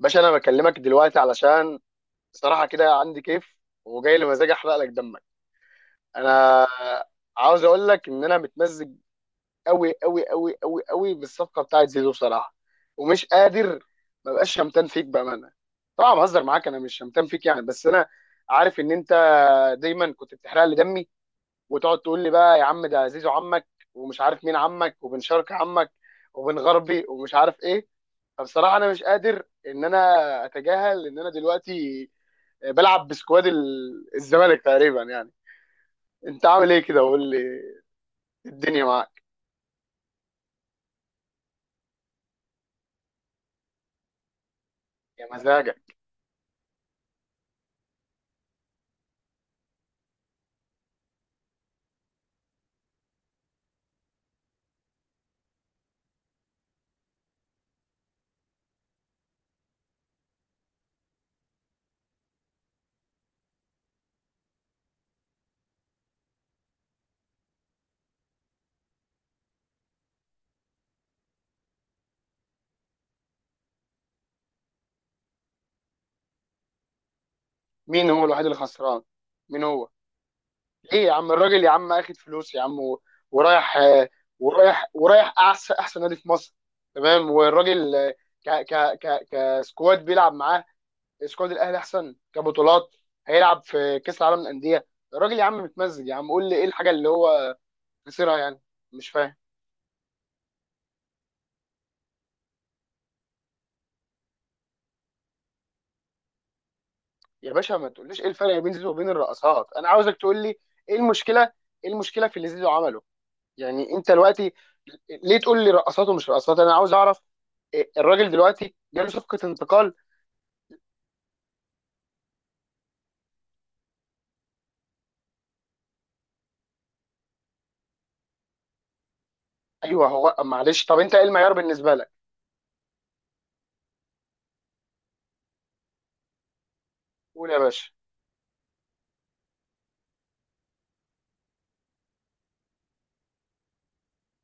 باشا، انا بكلمك دلوقتي علشان صراحه كده عندي كيف وجاي لي مزاج احرق لك دمك. انا عاوز اقول لك ان انا متمزج قوي قوي قوي قوي قوي بالصفقه بتاعت زيزو بصراحه، ومش قادر. ما بقاش شمتان فيك بامانه. طبعا بهزر معاك، انا مش شمتان فيك يعني، بس انا عارف ان انت دايما كنت بتحرق لي دمي وتقعد تقول لي بقى يا عم ده زيزو عمك ومش عارف مين عمك وبن شرقي عمك وبن غربي ومش عارف ايه. فبصراحه انا مش قادر ان انا اتجاهل ان انا دلوقتي بلعب بسكواد الزمالك تقريبا يعني. انت عامل ايه كده؟ وقول لي، الدنيا معاك. يا مزاجك. مين هو الوحيد اللي خسران؟ مين هو؟ ليه يا عم، الراجل يا عم اخد فلوس يا عم ورايح. ورايح احسن نادي في مصر. تمام. والراجل، ك ك ك كسكواد بيلعب معاه سكواد الاهلي احسن، كبطولات هيلعب في كاس العالم للانديه. الراجل يا عم متمزج يا عم. قول لي ايه الحاجه اللي هو خسرها يعني؟ مش فاهم. يا باشا، ما تقوليش ايه الفرق بين زيزو وبين الرقصات، انا عاوزك تقول لي ايه المشكله، ايه المشكله في اللي زيزو عمله يعني. انت دلوقتي ليه تقول لي رقصات ومش رقصات؟ انا عاوز اعرف إيه. الراجل دلوقتي جاله صفقه انتقال. ايوه هو، معلش. طب انت ايه المعيار بالنسبه لك؟ قول يا باشا.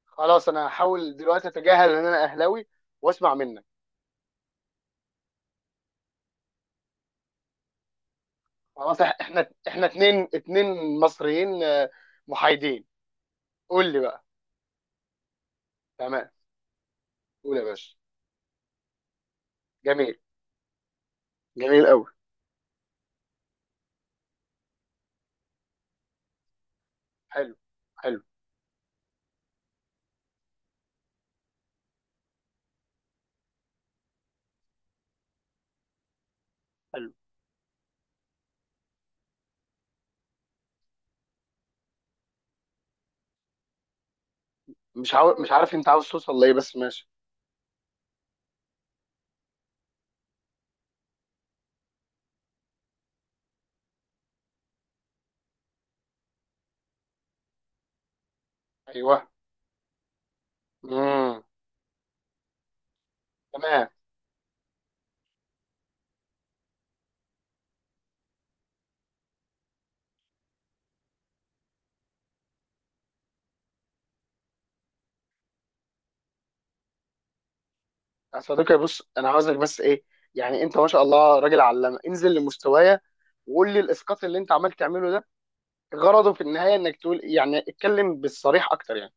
خلاص، انا هحاول دلوقتي اتجاهل ان انا اهلاوي واسمع منك. خلاص، احنا اتنين مصريين، محايدين. قول لي بقى. تمام. قول يا باشا. جميل، جميل قوي. حلو، حلو، حلو. مش عارف انت عاوز توصل لايه، بس ماشي. ايوه. امم. تمام. يا صديقي، بص، انا عاوزك بس ايه، يعني انت ما شاء الله راجل علامه، انزل لمستوايا وقول لي الاسقاط اللي انت عمال تعمله ده غرضه في النهايه انك تقول، يعني اتكلم بالصريح اكتر يعني.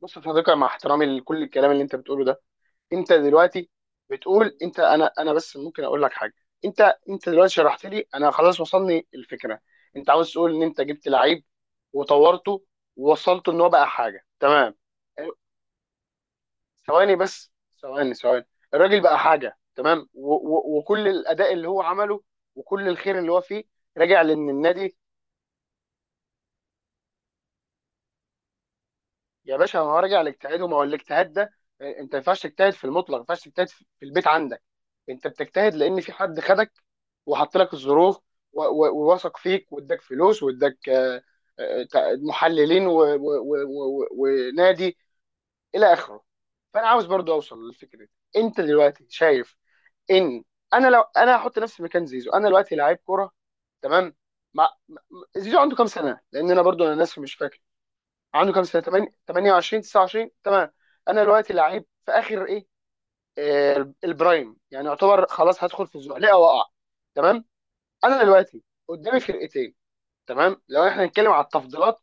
بص يا صديقي، مع احترامي لكل الكلام اللي انت بتقوله ده، انت دلوقتي بتقول انت انا. بس ممكن اقول لك حاجه؟ انت دلوقتي شرحت لي انا خلاص، وصلني الفكره. انت عاوز تقول ان انت جبت لعيب وطورته ووصلته ان هو بقى حاجه تمام. ثواني بس، ثواني ثواني. الراجل بقى حاجه تمام، و و وكل الاداء اللي هو عمله وكل الخير اللي هو فيه راجع لان النادي. يا باشا، ما هو راجع لاجتهاده. ما هو الاجتهاد ده، انت ما ينفعش تجتهد في المطلق، ما ينفعش تجتهد في البيت عندك. انت بتجتهد لان في حد خدك وحط لك الظروف ووثق فيك واداك فلوس، واداك محللين ونادي الى اخره. فانا عاوز برضو اوصل للفكره دي. انت دلوقتي شايف ان انا، لو انا هحط نفسي مكان زيزو، انا دلوقتي لعيب كوره، تمام. مع... م- زيزو عنده كام سنه؟ لان انا برضو انا ناسي مش فاكر. عنده كام سنه، 8، 28، 29؟ تمام. انا دلوقتي لعيب في اخر ايه، البرايم يعني، يعتبر خلاص هدخل في الزحليقه واقع. تمام. انا دلوقتي قدامي فرقتين، تمام. لو احنا هنتكلم على التفضيلات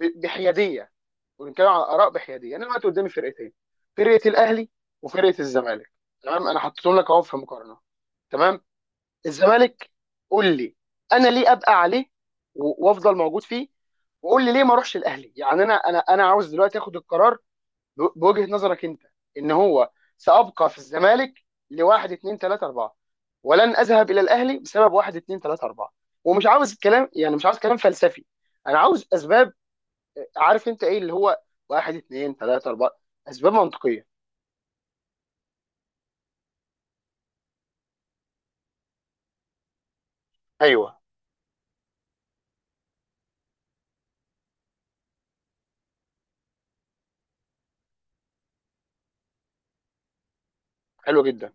بحياديه ونتكلم على الاراء بحياديه، انا دلوقتي قدامي فرقتين، فرقه الاهلي وفرقه الزمالك. تمام، انا حطيتهم لك اهو في مقارنه. تمام. الزمالك، قول لي انا ليه ابقى عليه وافضل موجود فيه، وقول لي ليه ما اروحش الاهلي؟ يعني انا انا عاوز دلوقتي اخد القرار بوجهة نظرك انت ان هو سابقى في الزمالك لواحد اتنين تلاته اربعه، ولن اذهب الى الاهلي بسبب واحد اتنين تلاته اربعه. ومش عاوز كلام يعني، مش عاوز كلام فلسفي. انا عاوز اسباب. عارف انت ايه اللي هو واحد اتنين تلاته اربعه، اسباب منطقيه. ايوه. حلو جدا.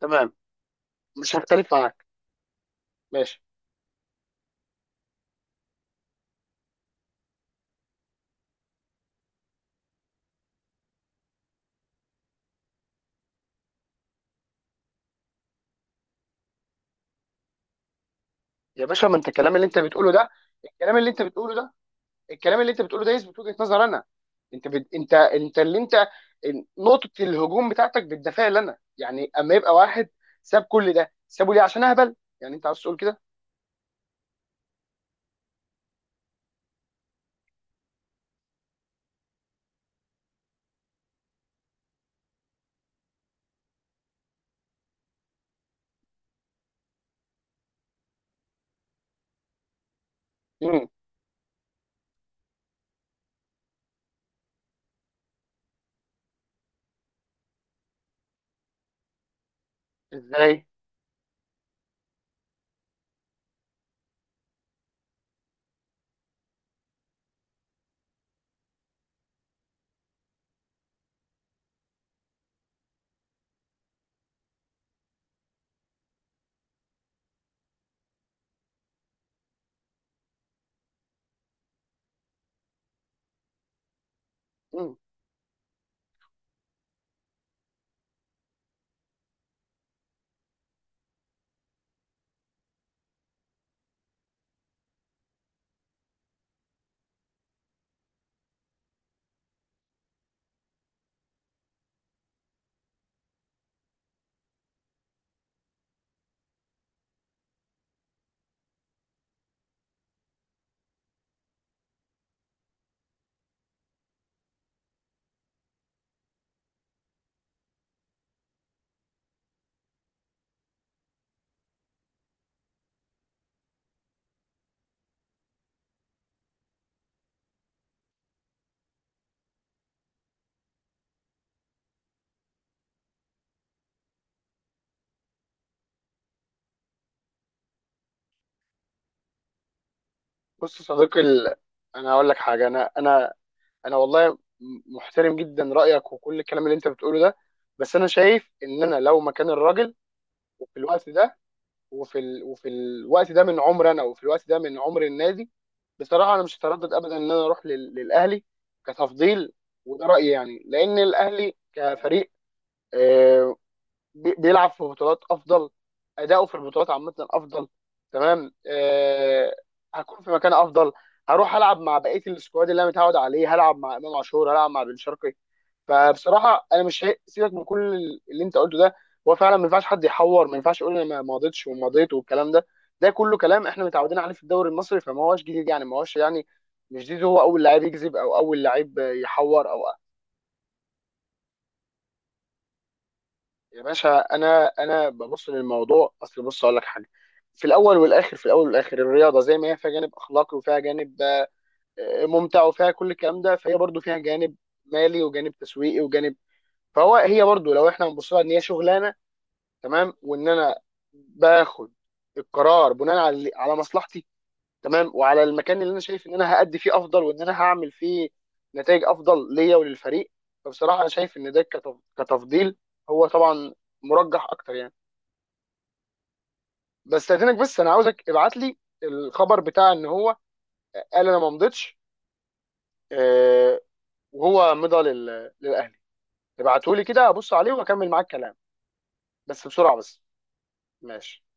تمام، مش هختلف معاك. ماشي. يا باشا، ما انت الكلام اللي انت بتقوله ده الكلام اللي انت بتقوله ده يثبت وجهة نظر انا. انت اللي انت نقطة الهجوم بتاعتك بتدافع لنا يعني. اما يبقى واحد ساب كل ده، سابه ليه؟ عشان اهبل يعني؟ انت عاوز تقول كده؟ امم. ازاي؟ امم. بص يا صديقي، انا هقول لك حاجة. انا والله محترم جدا رأيك وكل الكلام اللي انت بتقوله ده. بس انا شايف ان انا لو مكان الراجل، وفي الوقت ده وفي الوقت ده من عمر انا، وفي الوقت ده من عمر النادي، بصراحه انا مش هتردد ابدا ان انا اروح للاهلي كتفضيل. وده رايي يعني، لان الاهلي كفريق، آه، بيلعب في بطولات افضل، اداؤه في البطولات عامه افضل، تمام. هكون في مكان افضل، هروح العب مع بقيه السكواد اللي انا متعود عليه، هلعب مع امام عاشور، هلعب مع بن شرقي. فبصراحه انا مش سيبك من كل اللي انت قلته ده، هو فعلا ما ينفعش حد يحور، ما ينفعش يقول انا ما ماضيتش وماضيت والكلام ده. ده كله كلام احنا متعودين عليه في الدوري المصري، فما هوش جديد يعني، ما هوش يعني مش جديد هو اول لعيب يكذب، او اول لعيب يحور او... يا باشا، انا ببص للموضوع. اصل بص اقول لك حاجه، في الاول والاخر، الرياضه زي ما هي فيها جانب اخلاقي وفيها جانب ممتع وفيها كل الكلام ده، فهي برضو فيها جانب مالي، وجانب تسويقي، وجانب... هي برضو لو احنا بنبص لها ان هي شغلانه، تمام، وان انا باخد القرار بناء على مصلحتي، تمام، وعلى المكان اللي انا شايف ان انا هأدي فيه افضل وان انا هعمل فيه نتائج افضل ليا وللفريق. فبصراحه انا شايف ان ده كتفضيل، هو طبعا مرجح اكتر يعني. بس استاذنك، بس انا عاوزك ابعت لي الخبر بتاع ان هو قال انا ما مضيتش، آه، وهو مضى للاهلي. ابعته لي كده ابص عليه واكمل معاك كلام، بس بسرعه بس. ماشي.